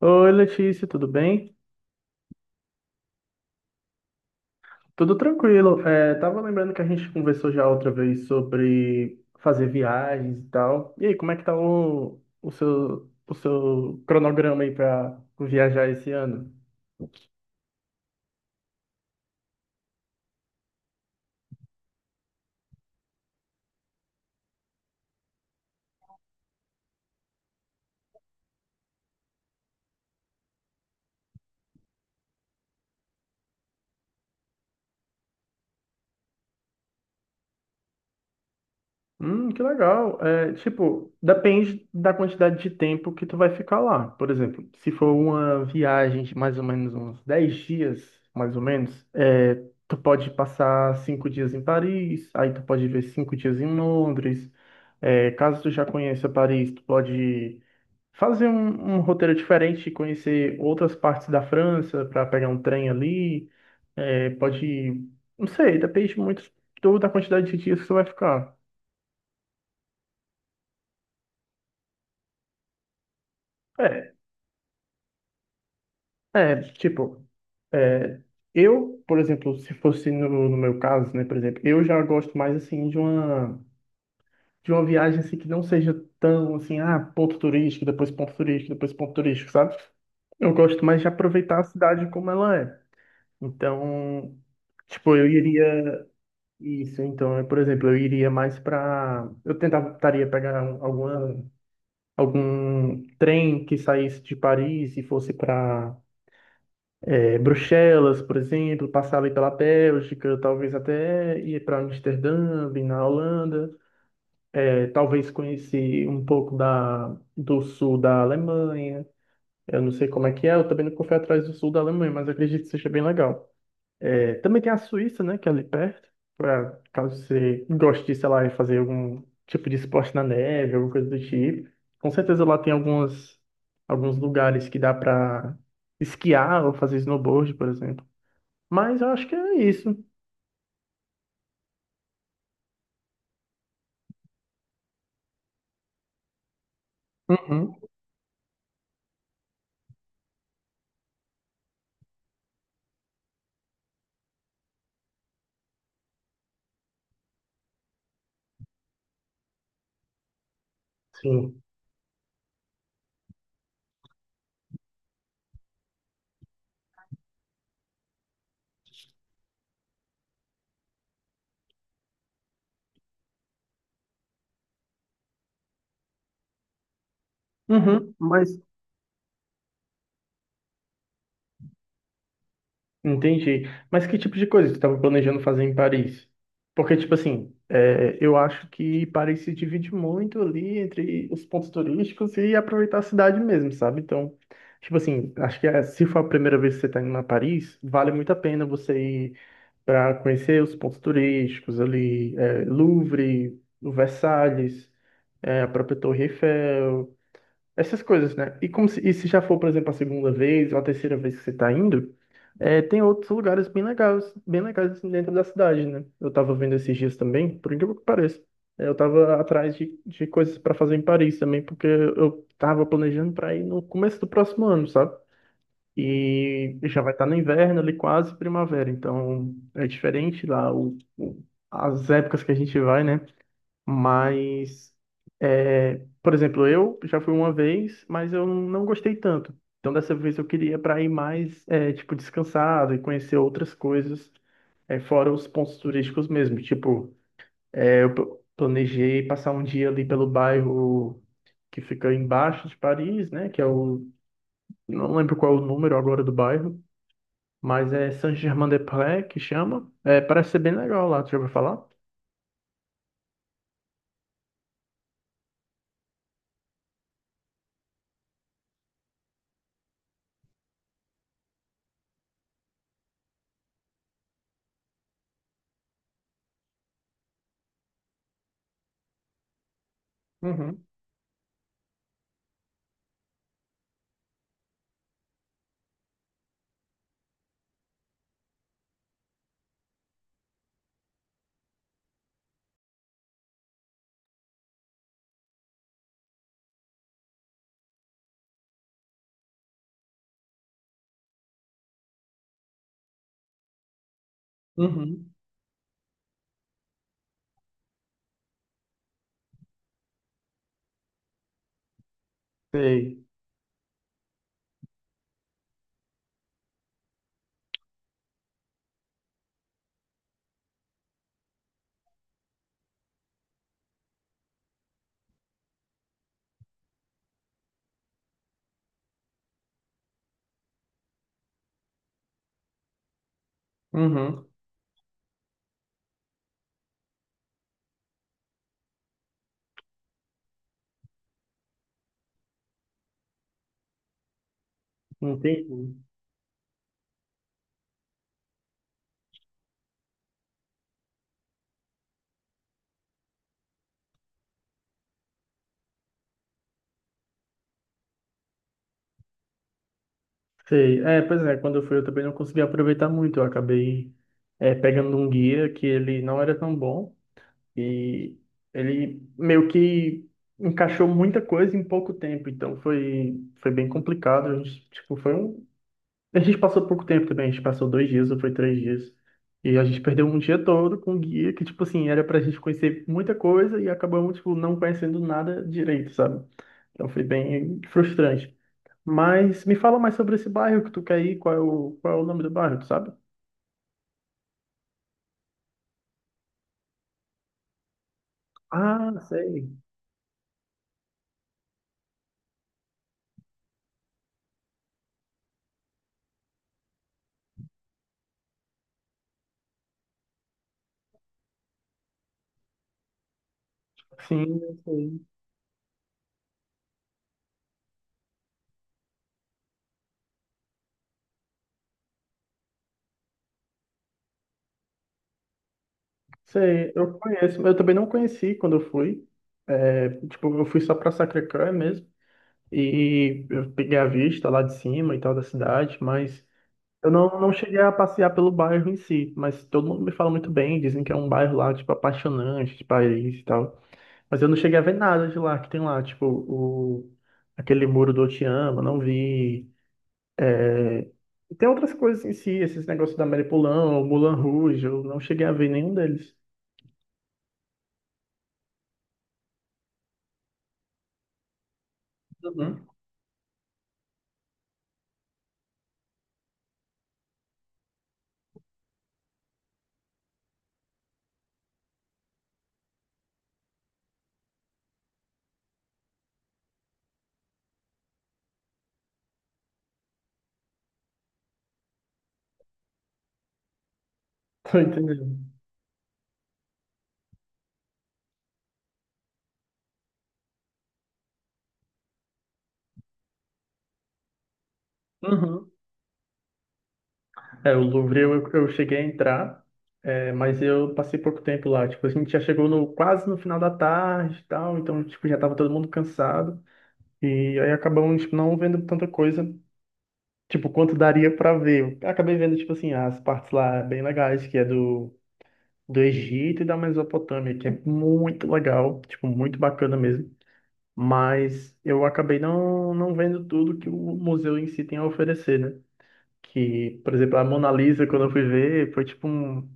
Oi, Letícia, tudo bem? Tudo tranquilo. Tava lembrando que a gente conversou já outra vez sobre fazer viagens e tal. E aí, como é que tá o seu cronograma aí para viajar esse ano? Que legal. Tipo, depende da quantidade de tempo que tu vai ficar lá. Por exemplo, se for uma viagem de mais ou menos uns 10 dias, mais ou menos, tu pode passar 5 dias em Paris, aí tu pode ver 5 dias em Londres. Caso tu já conheça Paris, tu pode fazer um roteiro diferente, conhecer outras partes da França para pegar um trem ali. É, pode, não sei, depende muito da quantidade de dias que tu vai ficar. É, É, tipo, é, eu, por exemplo, se fosse no meu caso, né, por exemplo, eu já gosto mais, assim, de uma viagem, assim, que não seja tão, assim, ah, ponto turístico, depois ponto turístico, depois ponto turístico, sabe? Eu gosto mais de aproveitar a cidade como ela é. Então, tipo, eu iria... Isso, então, eu, por exemplo, eu iria mais pra... Eu tentava, tentaria pegar alguma, algum trem que saísse de Paris e fosse pra Bruxelas, por exemplo, passar ali pela Bélgica, talvez até ir para Amsterdã, ir na Holanda, talvez conhecer um pouco do sul da Alemanha. Eu não sei como é que é, eu também nunca fui atrás do sul da Alemanha, mas eu acredito que seja bem legal. Também tem a Suíça, né, que é ali perto, pra, caso você goste de, sei lá, fazer algum tipo de esporte na neve, alguma coisa do tipo. Com certeza lá tem alguns lugares que dá para esquiar ou fazer snowboard, por exemplo. Mas eu acho que é isso. Uhum, sim. Uhum, mas entendi. Mas que tipo de coisa você estava planejando fazer em Paris? Porque, tipo assim, eu acho que Paris se divide muito ali entre os pontos turísticos e aproveitar a cidade mesmo, sabe? Então, tipo assim, acho que se for a primeira vez que você está indo a Paris, vale muito a pena você ir para conhecer os pontos turísticos ali, Louvre, o Versalhes, a própria Torre Eiffel. Essas coisas, né? E se já for, por exemplo, a segunda vez ou a terceira vez que você está indo, tem outros lugares bem legais assim, dentro da cidade, né? Eu tava vendo esses dias também, por incrível que pareça. Eu tava atrás de coisas para fazer em Paris também, porque eu tava planejando para ir no começo do próximo ano, sabe? E já vai estar no inverno ali, quase primavera, então é diferente lá as épocas que a gente vai, né? Mas, por exemplo, eu já fui uma vez, mas eu não gostei tanto. Então, dessa vez eu queria para ir mais, tipo, descansado e conhecer outras coisas, fora os pontos turísticos mesmo. Tipo, planejei passar um dia ali pelo bairro que fica embaixo de Paris, né? Que é o, não lembro qual é o número agora do bairro, mas é Saint-Germain-des-Prés que chama. É, parece ser bem legal lá, tu já ouviu falar? Uhum, uhum, sei. Uhum. Entendi. Sei. Pois é, quando eu fui eu também não consegui aproveitar muito. Eu acabei pegando um guia que ele não era tão bom e ele meio que encaixou muita coisa em pouco tempo. Então foi bem complicado. A gente, tipo, foi um... A gente passou pouco tempo também. A gente passou 2 dias ou foi 3 dias. E a gente perdeu um dia todo com o guia que, tipo assim, era pra gente conhecer muita coisa e acabamos, tipo, não conhecendo nada direito, sabe? Então foi bem frustrante. Mas me fala mais sobre esse bairro que tu quer ir, qual é o nome do bairro, tu sabe? Ah, sei. Sim, eu sei. Sei, eu conheço. Eu também não conheci quando eu fui. Tipo, eu fui só pra Sacré-Cœur mesmo. E eu peguei a vista lá de cima e tal da cidade, mas eu não, não cheguei a passear pelo bairro em si. Mas todo mundo me fala muito bem, dizem que é um bairro lá, tipo, apaixonante de Paris e tal. Mas eu não cheguei a ver nada de lá que tem lá, tipo, o, aquele muro do Otiama, não vi. E tem outras coisas em si, esses negócios da Maripolão, o Moulin Rouge, eu não cheguei a ver nenhum deles. Uhum. Tô entendendo. Uhum. O Louvre eu cheguei a entrar, mas eu passei pouco tempo lá. Tipo, a gente já chegou no, quase no final da tarde e tal, então, tipo, já tava todo mundo cansado. E aí acabamos, tipo, não vendo tanta coisa, tipo, quanto daria pra ver. Eu acabei vendo, tipo assim, as partes lá bem legais, que é do Egito e da Mesopotâmia, que é muito legal, tipo, muito bacana mesmo. Mas eu acabei não vendo tudo que o museu em si tem a oferecer, né? Que, por exemplo, a Mona Lisa, quando eu fui ver, foi tipo um,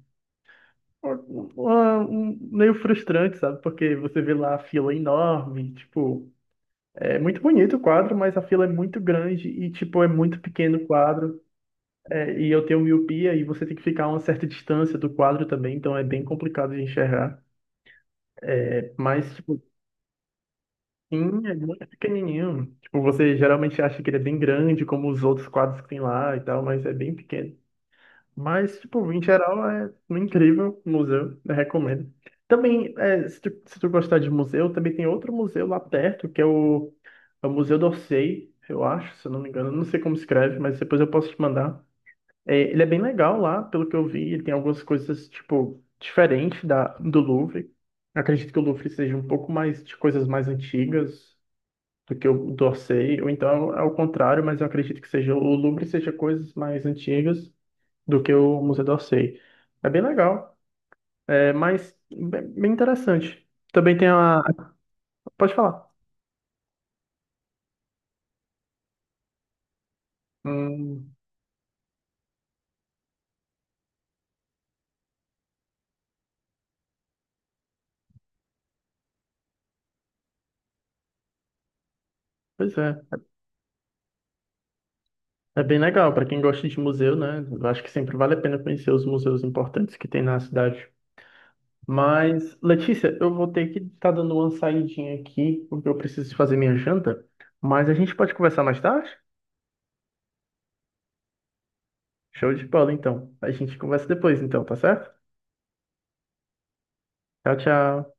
uma- um meio frustrante, sabe? Porque você vê lá a fila enorme, tipo, é muito bonito o quadro, mas a fila é muito grande e, tipo, é muito pequeno o quadro. E eu tenho miopia e você tem que ficar a uma certa distância do quadro também, então é bem complicado de enxergar. Mas, tipo, sim, ele é muito pequenininho. Tipo, você geralmente acha que ele é bem grande, como os outros quadros que tem lá e tal, mas é bem pequeno. Mas, tipo, em geral, é um incrível museu, eu recomendo. Também, se tu gostar de museu, também tem outro museu lá perto, que é o Museu d'Orsay, eu acho, se eu não me engano. Eu não sei como escreve, mas depois eu posso te mandar. Ele é bem legal lá, pelo que eu vi, ele tem algumas coisas, tipo, diferentes do Louvre. Acredito que o Louvre seja um pouco mais de coisas mais antigas, do que eu torcei, ou então é o contrário, mas eu acredito que seja o Louvre seja coisas mais antigas do que o Museu d'Orsay. É bem legal, é mais bem bem interessante. Também tem a. Pode falar. Hum, pois é. É bem legal para quem gosta de museu, né? Eu acho que sempre vale a pena conhecer os museus importantes que tem na cidade. Mas, Letícia, eu vou ter que estar dando uma saidinha aqui, porque eu preciso fazer minha janta. Mas a gente pode conversar mais tarde? Show de bola, então. A gente conversa depois, então, tá certo? Tchau, tchau.